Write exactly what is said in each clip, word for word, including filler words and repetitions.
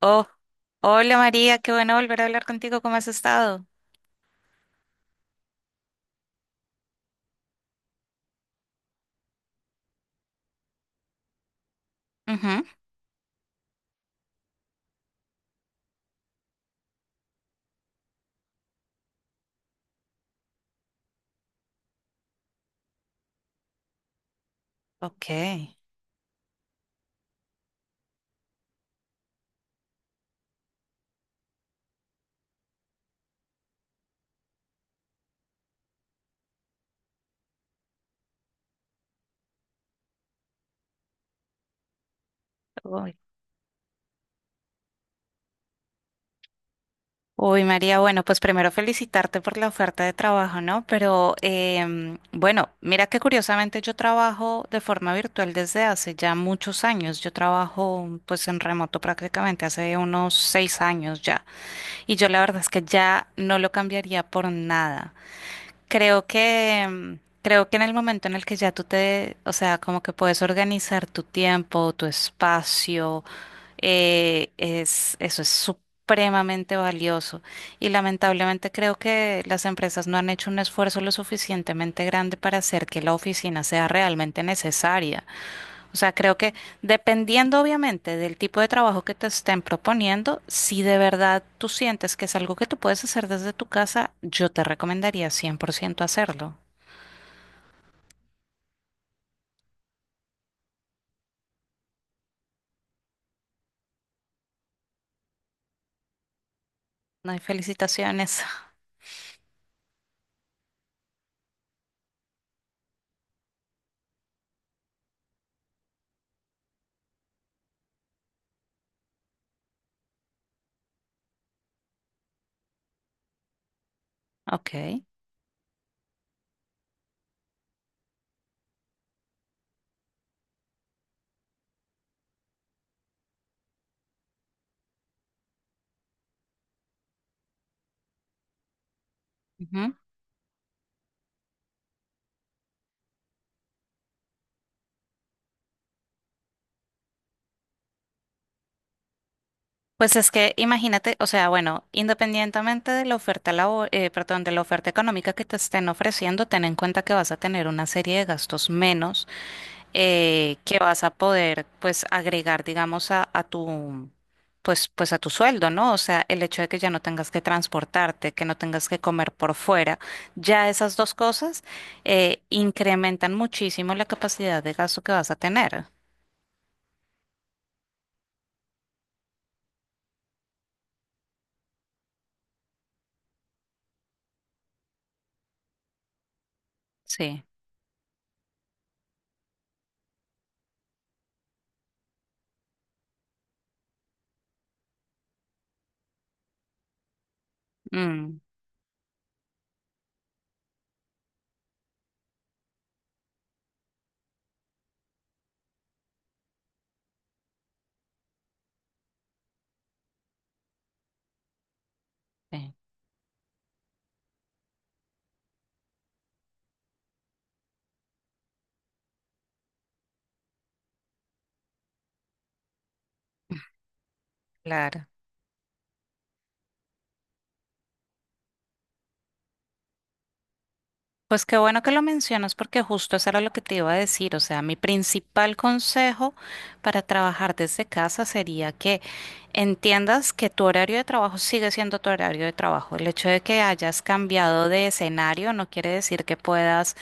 Oh, hola María, qué bueno volver a hablar contigo. ¿Cómo has estado? Ujú. Ok. Uy. Uy, María, bueno, pues primero felicitarte por la oferta de trabajo, ¿no? Pero em, bueno, mira que curiosamente yo trabajo de forma virtual desde hace ya muchos años. Yo trabajo pues en remoto prácticamente hace unos seis años ya. Y yo la verdad es que ya no lo cambiaría por nada. Creo que, mm, creo que en el momento en el que ya tú te, o sea, como que puedes organizar tu tiempo, tu espacio, eh, es, eso es supremamente valioso. Y lamentablemente creo que las empresas no han hecho un esfuerzo lo suficientemente grande para hacer que la oficina sea realmente necesaria. O sea, creo que dependiendo obviamente del tipo de trabajo que te estén proponiendo, si de verdad tú sientes que es algo que tú puedes hacer desde tu casa, yo te recomendaría cien por ciento hacerlo. No hay felicitaciones. Ok. Ujú. Pues es que imagínate, o sea, bueno, independientemente de la oferta labo- eh, perdón, de la oferta económica que te estén ofreciendo, ten en cuenta que vas a tener una serie de gastos menos eh, que vas a poder pues agregar, digamos, a, a tu pues, pues a tu sueldo, ¿no? O sea, el hecho de que ya no tengas que transportarte, que no tengas que comer por fuera, ya esas dos cosas eh, incrementan muchísimo la capacidad de gasto que vas a tener. Sí. Mm, sí. Claro. Pues qué bueno que lo mencionas porque justo eso era lo que te iba a decir. O sea, mi principal consejo para trabajar desde casa sería que entiendas que tu horario de trabajo sigue siendo tu horario de trabajo. El hecho de que hayas cambiado de escenario no quiere decir que puedas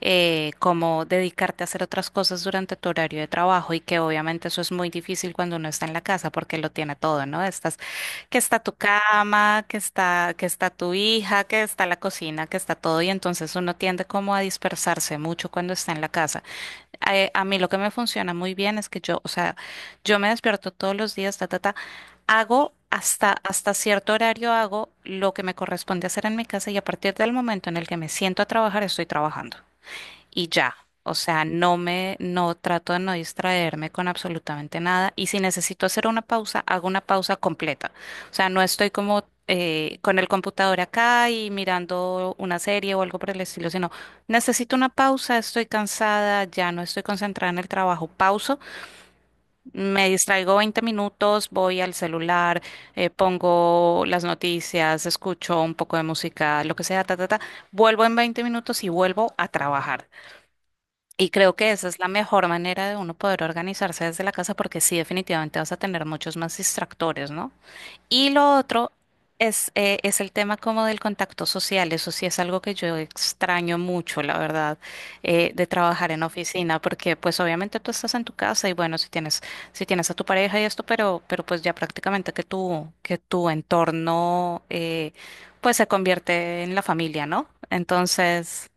eh, como dedicarte a hacer otras cosas durante tu horario de trabajo y que obviamente eso es muy difícil cuando uno está en la casa porque lo tiene todo, ¿no? Estás que está tu cama, que está, que está tu hija, que está la cocina, que está todo, y entonces uno tiende como a dispersarse mucho cuando está en la casa. Eh, a mí lo que me funciona muy bien es que yo, o sea, yo me despierto todos los días, ta, ta, ta, hago hasta, hasta cierto horario hago lo que me corresponde hacer en mi casa y a partir del momento en el que me siento a trabajar, estoy trabajando y ya. O sea, no me, no trato de no distraerme con absolutamente nada. Y si necesito hacer una pausa, hago una pausa completa. O sea, no estoy como eh, con el computador acá y mirando una serie o algo por el estilo, sino necesito una pausa, estoy cansada, ya no estoy concentrada en el trabajo, pauso, me distraigo veinte minutos, voy al celular, eh, pongo las noticias, escucho un poco de música, lo que sea, ta, ta, ta. Vuelvo en veinte minutos y vuelvo a trabajar. Y creo que esa es la mejor manera de uno poder organizarse desde la casa porque sí, definitivamente vas a tener muchos más distractores, ¿no? Y lo otro es, eh, es el tema como del contacto social. Eso sí es algo que yo extraño mucho, la verdad, eh, de trabajar en oficina porque pues obviamente tú estás en tu casa y bueno, si tienes, si tienes a tu pareja y esto, pero, pero pues ya prácticamente que tu, que tu entorno eh, pues se convierte en la familia, ¿no? Entonces,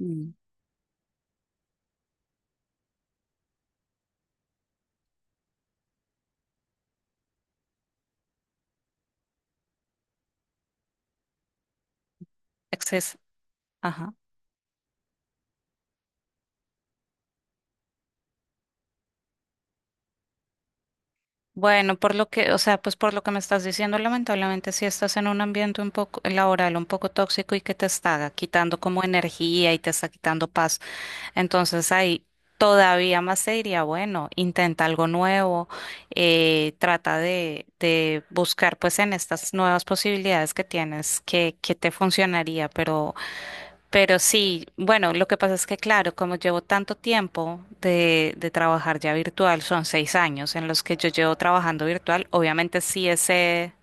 mm, exceso. Bueno, por lo que, o sea, pues por lo que me estás diciendo, lamentablemente si estás en un ambiente un poco laboral, un poco tóxico y que te está quitando como energía y te está quitando paz, entonces ahí todavía más te diría, bueno, intenta algo nuevo, eh, trata de, de buscar pues en estas nuevas posibilidades que tienes que, que te funcionaría, pero pero sí, bueno, lo que pasa es que, claro, como llevo tanto tiempo de, de trabajar ya virtual, son seis años en los que yo llevo trabajando virtual, obviamente sí ese,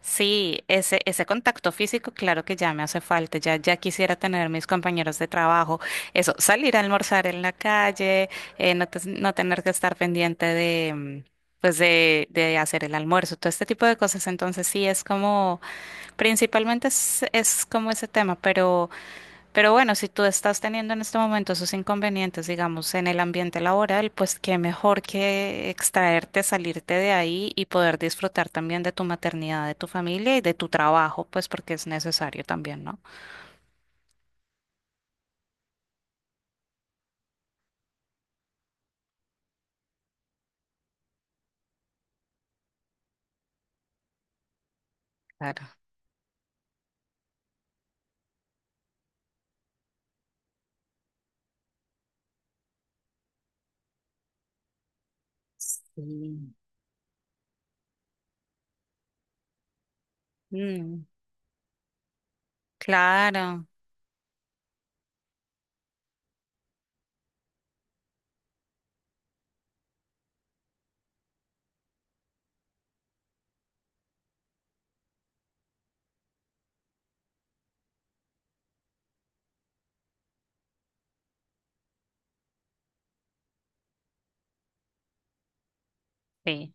sí, ese, ese contacto físico, claro que ya me hace falta, ya, ya quisiera tener mis compañeros de trabajo, eso, salir a almorzar en la calle, eh, no, te- no tener que estar pendiente de, mm, pues de, de hacer el almuerzo, todo este tipo de cosas, entonces sí es como, principalmente es, es como ese tema, pero... Pero bueno, si tú estás teniendo en este momento esos inconvenientes, digamos, en el ambiente laboral, pues qué mejor que extraerte, salirte de ahí y poder disfrutar también de tu maternidad, de tu familia y de tu trabajo, pues porque es necesario también, ¿no? Claro. Sí. Mm, claro, sí.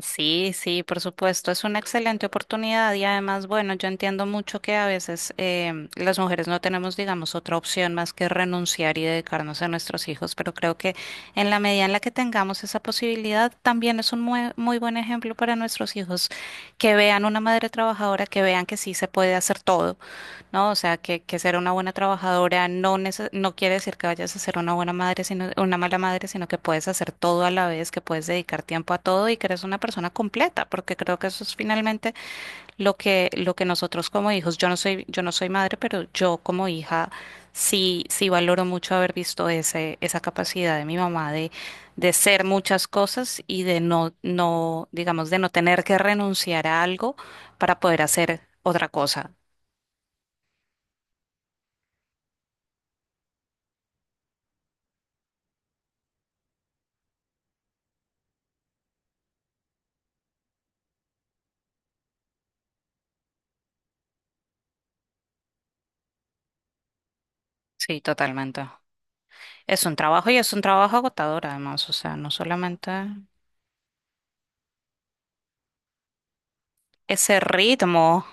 Sí, sí, por supuesto, es una excelente oportunidad y además, bueno, yo entiendo mucho que a veces em, las mujeres no tenemos, digamos, otra opción más que renunciar y dedicarnos a nuestros hijos, pero creo que en la medida en la que tengamos esa posibilidad, también es un mue- muy, buen ejemplo para nuestros hijos que vean una madre trabajadora, que vean que sí se puede hacer todo, ¿no? O sea, que, que ser una buena trabajadora no, nece- no quiere decir que vayas a ser una buena madre, sino una mala madre, sino que puedes hacer todo a la vez, que puedes dedicar tiempo a todo y que eres una persona completa, porque creo que eso es finalmente lo que, lo que nosotros como hijos, yo no soy, yo no soy madre, pero yo como hija sí, sí valoro mucho haber visto ese, esa capacidad de mi mamá de, de ser muchas cosas y de no, no, digamos, de no tener que renunciar a algo para poder hacer otra cosa. Sí, totalmente. Es un trabajo y es un trabajo agotador además, o sea, no solamente ese ritmo,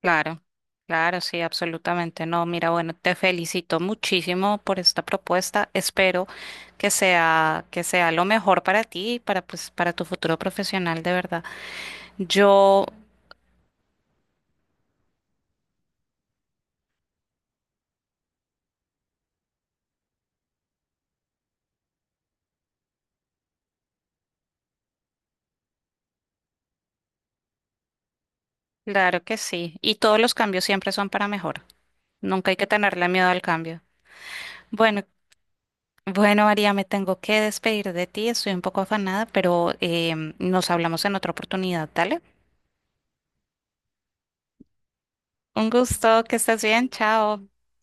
claro, claro, sí, absolutamente. No, mira, bueno, te felicito muchísimo por esta propuesta. Espero que sea, que sea lo mejor para ti y para, pues, para tu futuro profesional, de verdad. Yo, claro que sí. Y todos los cambios siempre son para mejor. Nunca hay que tenerle miedo al cambio. Bueno, Bueno, María, me tengo que despedir de ti, estoy un poco afanada, pero em, nos hablamos en otra oportunidad, ¿dale? Un gusto, que estés bien, chao.